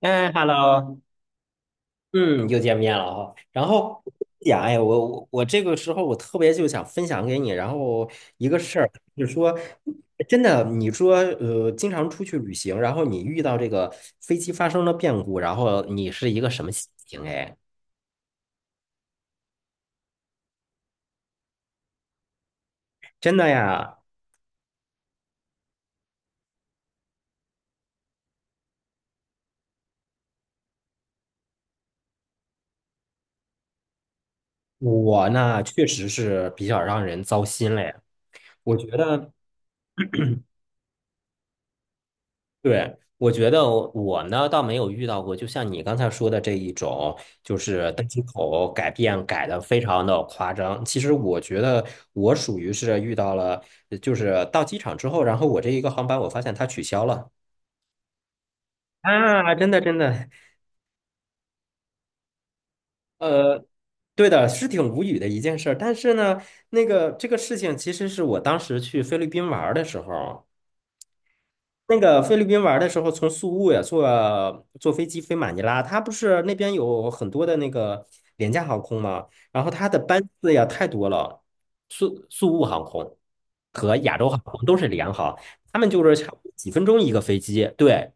哎，Hello，嗯，又见面了哈。然后哎呀，哎，我这个时候我特别就想分享给你，然后一个事儿就是说，真的。你说经常出去旅行，然后你遇到这个飞机发生了变故，然后你是一个什么心情？哎，真的呀。我呢确实是比较让人糟心嘞。我觉得对，我觉得我呢倒没有遇到过，就像你刚才说的这一种，就是登机口改变改的非常的夸张。其实我觉得我属于是遇到了，就是到机场之后，然后我这一个航班我发现它取消了啊。真的真的，呃，对的，是挺无语的一件事儿。但是呢，那个这个事情其实是我当时去菲律宾玩儿的时候。那个菲律宾玩的时候，从宿务呀坐飞机飞马尼拉，它不是那边有很多的那个廉价航空吗？然后它的班次呀太多了，宿务航空和亚洲航空都是联航，他们就是差不多几分钟一个飞机。对，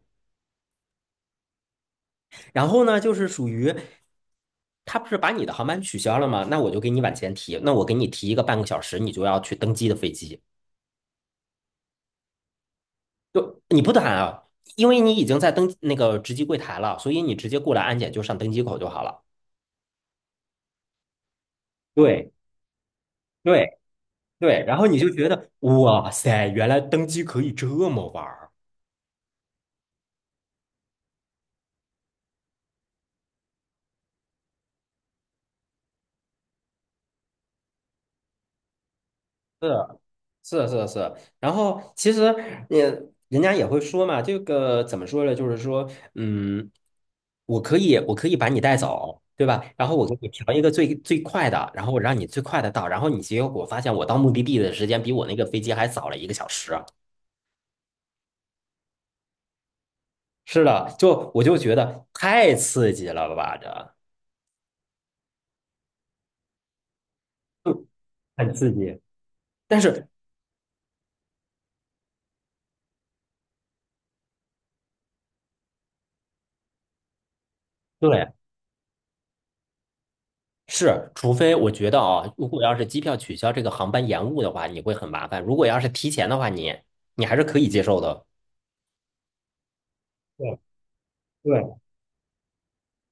然后呢就是属于。他不是把你的航班取消了吗？那我就给你往前提，那我给你提一个半个小时，你就要去登机的飞机。就你不打啊，因为你已经在登那个值机柜台了，所以你直接过来安检就上登机口就好了。对对对，然后你就觉得哇塞，原来登机可以这么玩儿。是是是是，然后其实也人家也会说嘛，这个怎么说呢？就是说，嗯，我可以把你带走，对吧？然后我给你调一个最最快的，然后我让你最快的到，然后你结果发现我到目的地的时间比我那个飞机还早了一个小时。是的，就我就觉得太刺激了吧，这就很刺激。但是，对，是，除非我觉得啊，如果要是机票取消，这个航班延误的话，你会很麻烦；如果要是提前的话，你还是可以接受的。对对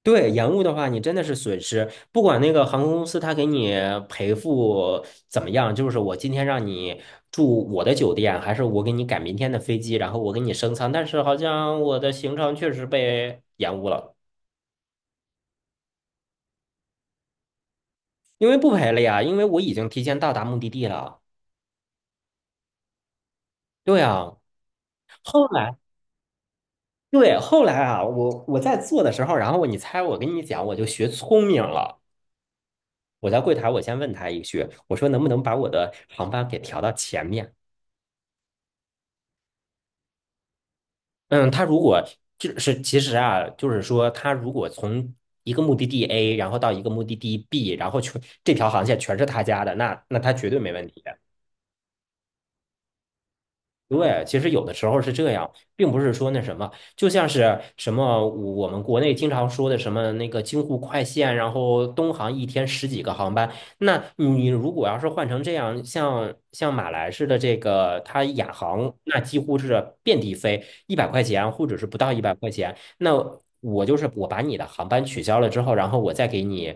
对，延误的话，你真的是损失。不管那个航空公司他给你赔付怎么样，就是我今天让你住我的酒店，还是我给你改明天的飞机，然后我给你升舱，但是好像我的行程确实被延误了。因为不赔了呀，因为我已经提前到达目的地了。对啊，后来对，后来啊，我在做的时候，然后你猜我跟你讲，我就学聪明了。我在柜台，我先问他一句，我说能不能把我的航班给调到前面？嗯，他如果就是其实啊，就是说他如果从一个目的地 A,然后到一个目的地 B,然后全这条航线全是他家的，那他绝对没问题。对，其实有的时候是这样，并不是说那什么，就像是什么我们国内经常说的什么那个京沪快线，然后东航一天十几个航班，那你如果要是换成这样，像马来式的这个它亚航，那几乎是遍地飞，一百块钱或者是不到一百块钱，那我就是我把你的航班取消了之后，然后我再给你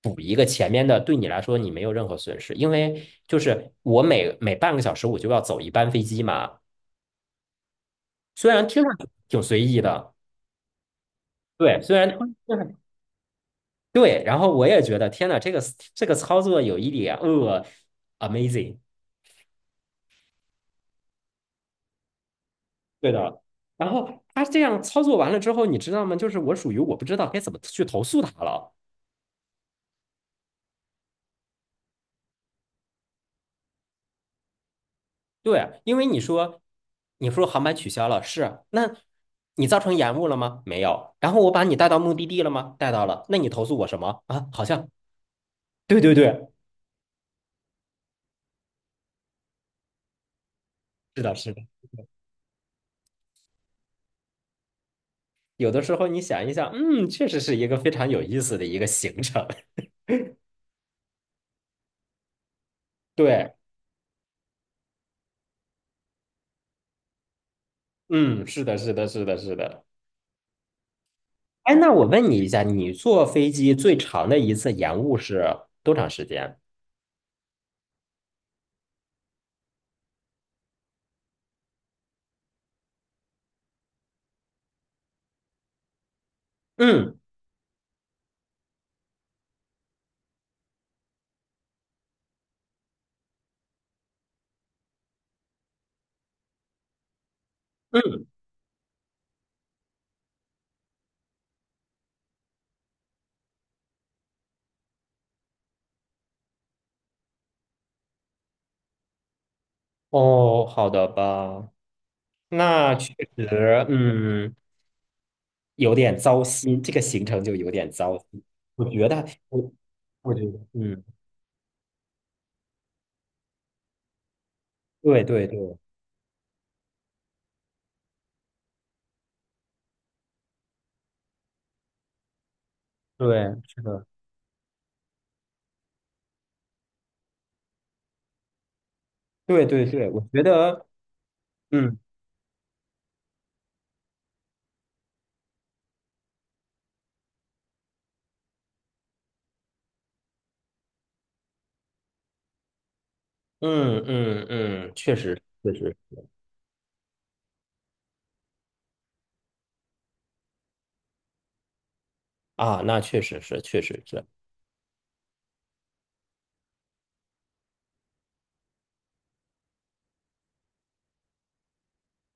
补一个前面的，对你来说你没有任何损失，因为就是我每半个小时我就要走一班飞机嘛，虽然听上去挺随意的。对，虽然嗯，对，然后我也觉得天呐，这个这个操作有一点amazing。对的。然后他这样操作完了之后，你知道吗？就是我属于我不知道该怎么去投诉他了。对啊，因为你说，你说航班取消了，是啊，那你造成延误了吗？没有。然后我把你带到目的地了吗？带到了。那你投诉我什么啊？好像，对对对，是的，是的。有的时候你想一想，嗯，确实是一个非常有意思的一个行程。对，嗯，是的，是的，是的，是的。哎，那我问你一下，你坐飞机最长的一次延误是多长时间？嗯嗯，哦，好的吧。那确实，嗯。有点糟心，这个行程就有点糟心。我觉得，我觉得，嗯，对对对对，是的，对对对，我觉得，嗯嗯嗯嗯，确实确实啊，那确实是确实是，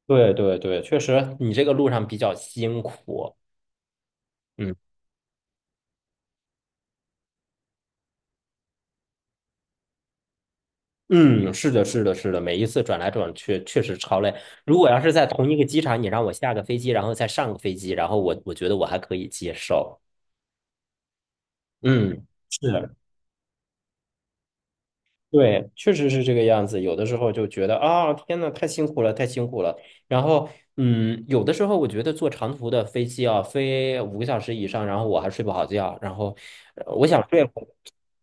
对对对，确实你这个路上比较辛苦。嗯嗯，是的是的是的，每一次转来转去确实超累。如果要是在同一个机场，你让我下个飞机，然后再上个飞机，然后我觉得我还可以接受。嗯。是。对，确实是这个样子。有的时候就觉得啊，天呐，太辛苦了，太辛苦了。然后，嗯，有的时候我觉得坐长途的飞机啊，飞5个小时以上，然后我还睡不好觉，然后我想睡会。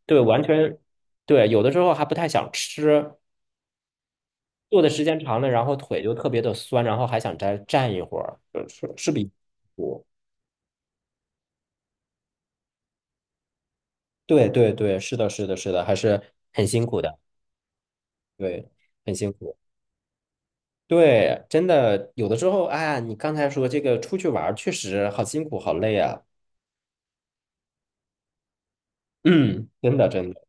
对，完全对。有的时候还不太想吃，坐的时间长了，然后腿就特别的酸，然后还想再站一会儿，是是比对对对，是的，是的，是的，还是很辛苦的，对，很辛苦。对，真的，有的时候，哎呀，你刚才说这个出去玩儿确实好辛苦，好累啊。嗯，真的，真的。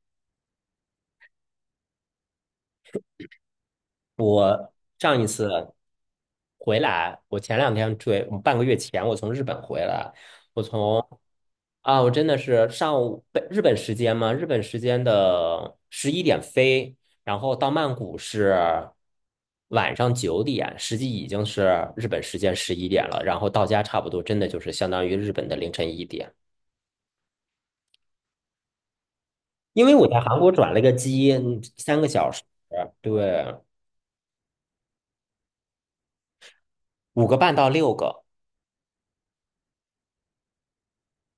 上一次回来，我前两天追，我半个月前我从日本回来，我从啊，我真的是上午本日本时间嘛，日本时间的十一点飞，然后到曼谷是晚上9点，实际已经是日本时间十一点了，然后到家差不多真的就是相当于日本的凌晨1点。因为我在韩国转了个机，3个小时。对，5个半到6个。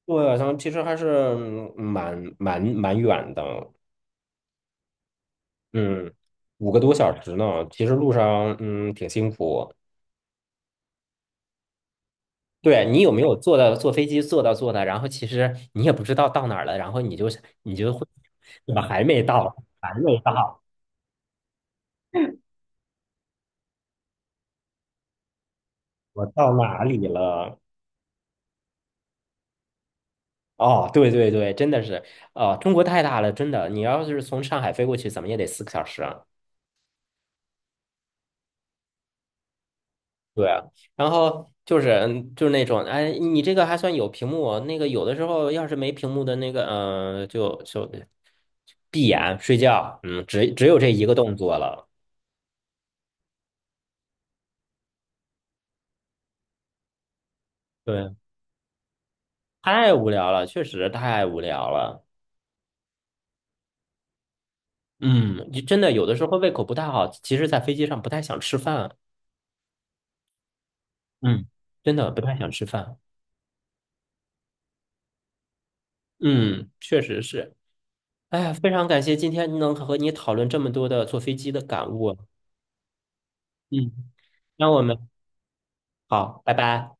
对，然后其实还是嗯蛮远的。嗯，5个多小时呢，其实路上嗯挺辛苦。对你有没有坐到坐飞机坐到坐的，然后其实你也不知道到哪儿了，然后你就会怎么还没到，还没到，我到哪里了？哦，对对对，真的是，哦，中国太大了，真的，你要是从上海飞过去，怎么也得4个小时。对，啊，然后就是嗯就是那种，哎，你这个还算有屏幕哦那个有的时候要是没屏幕的那个，嗯、就闭眼睡觉，嗯，只有这一个动作了。对，太无聊了，确实太无聊了。嗯，就真的有的时候胃口不太好，其实在飞机上不太想吃饭，嗯，真的不太想吃饭。嗯，确实是。哎呀，非常感谢今天能和你讨论这么多的坐飞机的感悟。嗯，那我们好，拜拜。